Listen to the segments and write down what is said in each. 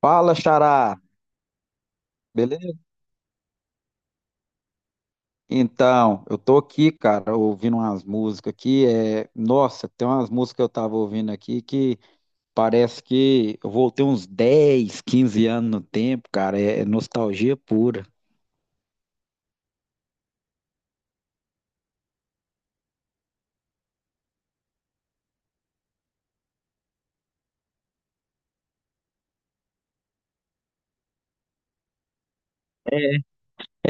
Fala, Xará, beleza? Então, eu tô aqui, cara, ouvindo umas músicas aqui. Nossa, tem umas músicas que eu tava ouvindo aqui que parece que eu voltei uns 10, 15 anos no tempo, cara. É nostalgia pura. É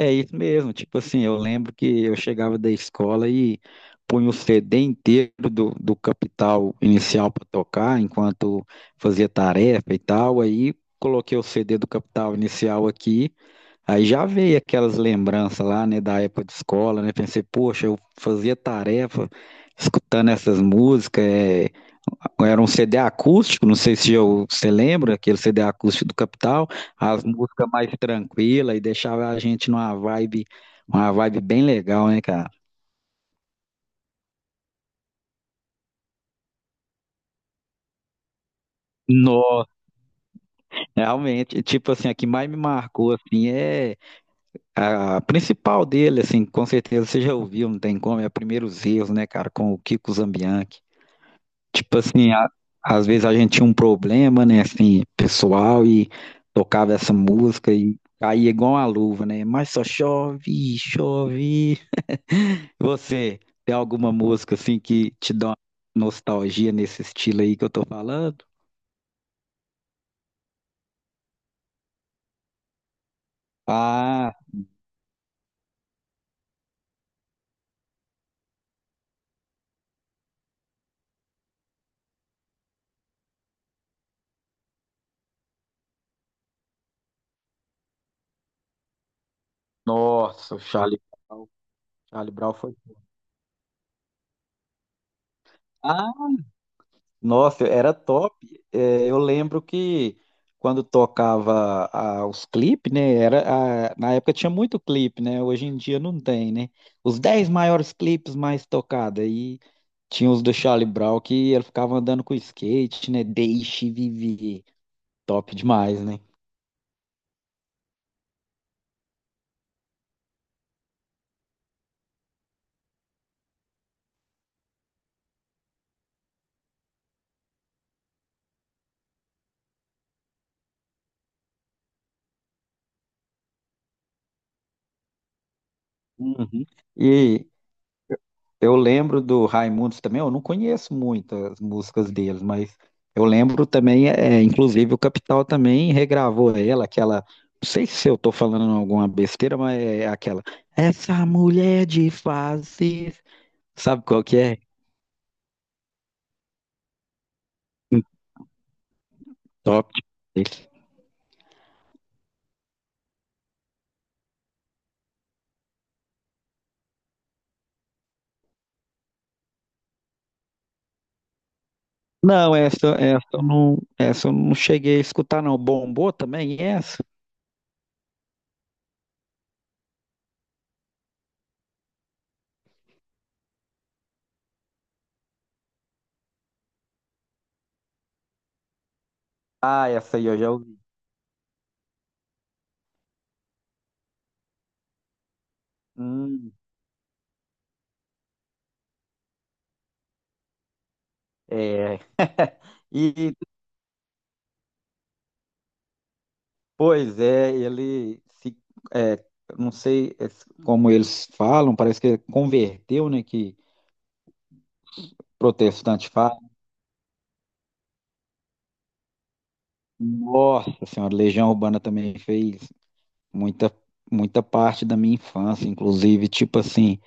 é isso mesmo, tipo assim, eu lembro que eu chegava da escola e punha o CD inteiro do Capital Inicial pra tocar enquanto fazia tarefa e tal. Aí coloquei o CD do Capital Inicial aqui. Aí já veio aquelas lembranças lá, né, da época de escola, né? Pensei, poxa, eu fazia tarefa escutando essas músicas. Era um CD acústico, não sei se eu, você lembra, aquele CD acústico do Capital, as músicas mais tranquilas e deixava a gente numa vibe, uma vibe bem legal, né, cara? Nossa, realmente, tipo assim, a que mais me marcou, assim, é a principal dele, assim, com certeza você já ouviu, não tem como, é Primeiros Erros, né, cara, com o Kiko Zambianchi. Tipo assim, às vezes a gente tinha um problema, né, assim, pessoal, e tocava essa música e caía igual uma luva, né? Mas só chove, chove. Você tem alguma música assim que te dá uma nostalgia nesse estilo aí que eu tô falando? Ah, nossa, o Charlie Brown. Charlie Brown foi. Nossa, era top. É, eu lembro que quando tocava os clipes, né? Era, na época tinha muito clipe, né? Hoje em dia não tem, né? Os 10 maiores clipes mais tocados. Aí tinha os do Charlie Brown que ele ficava andando com skate, né? Deixe viver. Top demais, né? Uhum. E Eu lembro do Raimundos também, eu não conheço muitas músicas deles, mas eu lembro também, é, inclusive o Capital também regravou ela, aquela, não sei se eu tô falando alguma besteira, mas é aquela, essa mulher de fases, sabe qual que é? Top. Não, essa, essa eu não cheguei a escutar não, bombou também essa? Ah, essa aí eu já ouvi. Hum, é. E Pois é, é, não sei como eles falam, parece que ele converteu, né? Que protestante fala. Nossa Senhora, Legião Urbana também fez muita, muita parte da minha infância, inclusive, tipo assim,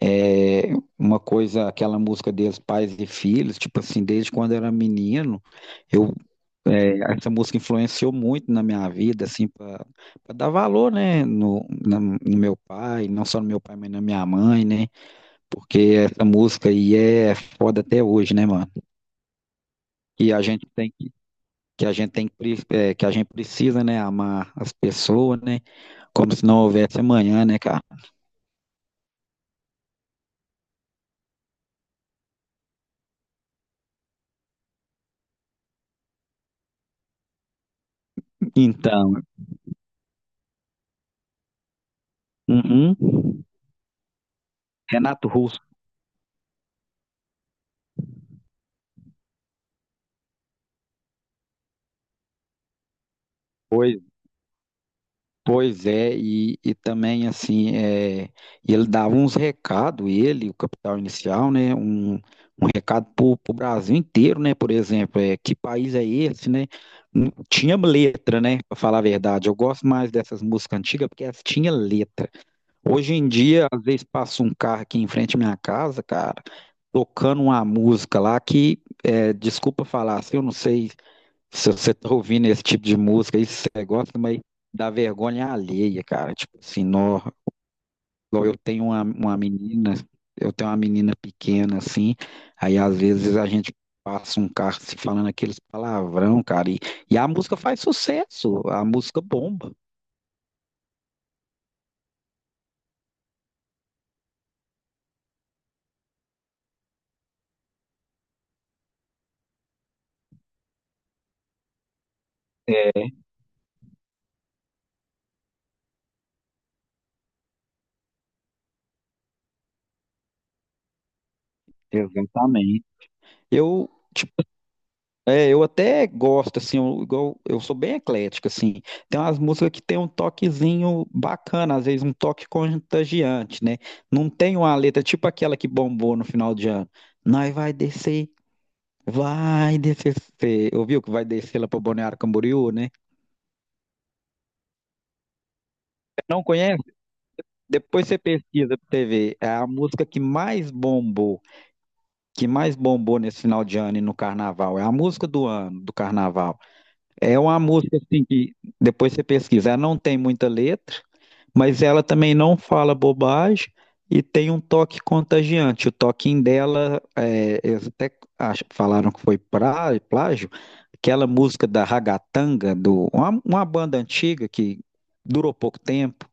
é, uma coisa, aquela música deles, Pais e Filhos, tipo assim, desde quando eu era menino, eu, essa música influenciou muito na minha vida, assim, para dar valor, né, no, no meu pai, não só no meu pai, mas na minha mãe, né? Porque essa música aí é foda até hoje, né, mano? E a gente tem que a gente tem que, que a gente precisa, né, amar as pessoas, né? Como se não houvesse amanhã, né, cara? Então, uhum. Renato Russo. pois. Pois é, e também assim, é, ele dava uns recados, ele, o Capital Inicial, né? Um recado para o Brasil inteiro, né? Por exemplo, é, que país é esse, né? Tinha letra, né? Para falar a verdade, eu gosto mais dessas músicas antigas porque elas tinham letra. Hoje em dia, às vezes passa um carro aqui em frente à minha casa, cara, tocando uma música lá que, é, desculpa falar, assim, eu não sei se você tá ouvindo esse tipo de música, isso você gosta, mas dá vergonha alheia, cara. Tipo assim, nó, igual eu tenho uma menina, eu tenho uma menina pequena assim, aí às vezes a gente passa um carro se falando aqueles palavrão, cara, e a música faz sucesso, a música bomba. Exatamente. Eu É, eu até gosto, assim, eu, eu sou bem eclético, assim. Tem umas músicas que tem um toquezinho bacana, às vezes um toque contagiante, né? Não tem uma letra tipo aquela que bombou no final de ano. Nós vai descer, vai descer. Você ouviu que vai descer lá para Balneário Camboriú, né? Não conhece? Depois você pesquisa pra você ver. É a música que mais bombou nesse final de ano e no carnaval. É a música do ano, do carnaval. É uma música assim que depois você pesquisar, não tem muita letra, mas ela também não fala bobagem e tem um toque contagiante. O toquinho dela, é, eles até falaram que foi plágio, aquela música da Ragatanga, uma banda antiga que durou pouco tempo.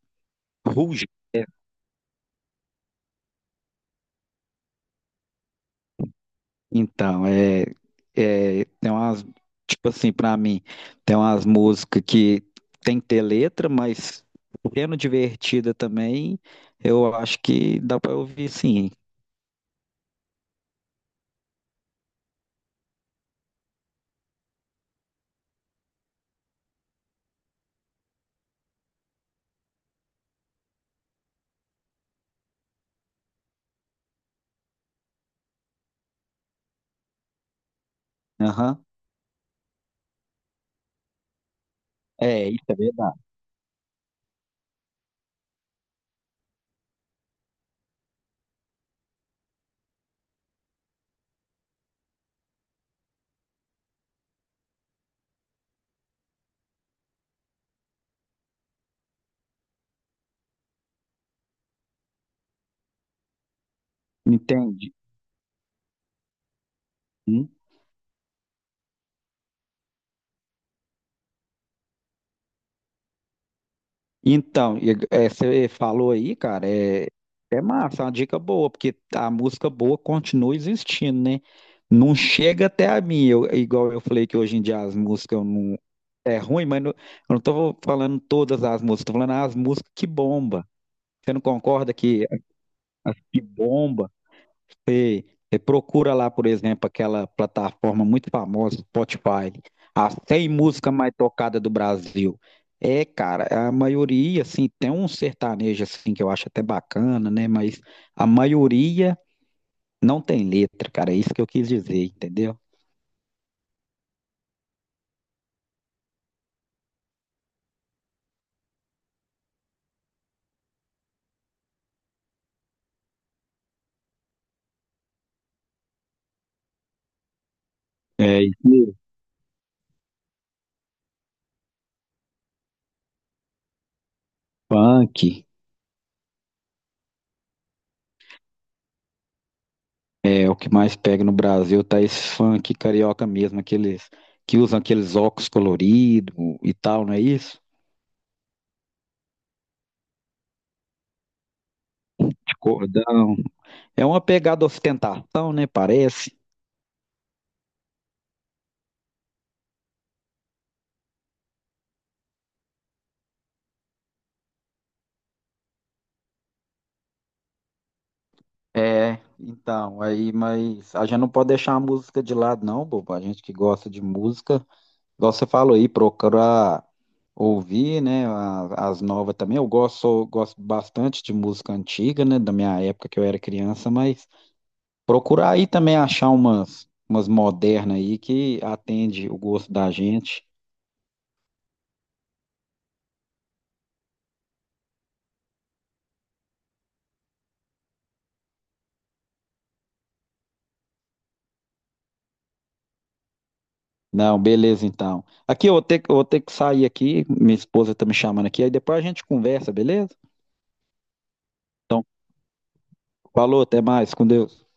Então, tem umas, tipo assim, pra mim, tem umas músicas que tem que ter letra, mas sendo divertida também, eu acho que dá pra ouvir sim. Aham. É, isso é verdade. Entende? Então, você falou aí, cara, é, é massa, é uma dica boa, porque a música boa continua existindo, né? Não chega até a mim, igual eu falei que hoje em dia as músicas eu não, é ruim, mas não, eu não tô falando todas as músicas, tô falando as músicas que bomba. Você não concorda que bomba? Você, você procura lá, por exemplo, aquela plataforma muito famosa, Spotify, as 100 músicas mais tocadas do Brasil. É, cara, a maioria, assim, tem um sertanejo, assim, que eu acho até bacana, né? Mas a maioria não tem letra, cara. É isso que eu quis dizer, entendeu? É, isso mesmo. Funk, é o que mais pega no Brasil, tá esse funk carioca mesmo, aqueles que usam aqueles óculos coloridos e tal, não é isso? De cordão. É uma pegada ostentação, né? Parece. É, então, aí, mas a gente não pode deixar a música de lado, não, bobo. A gente que gosta de música, igual você falou aí, procurar ouvir, né, as, novas também. Eu gosto, gosto bastante de música antiga, né, da minha época que eu era criança, mas procurar aí também achar umas, modernas aí que atende o gosto da gente. Não, beleza, então. Aqui eu vou ter, eu vou ter que sair aqui, minha esposa tá me chamando aqui, aí depois a gente conversa, beleza? Falou, até mais, com Deus.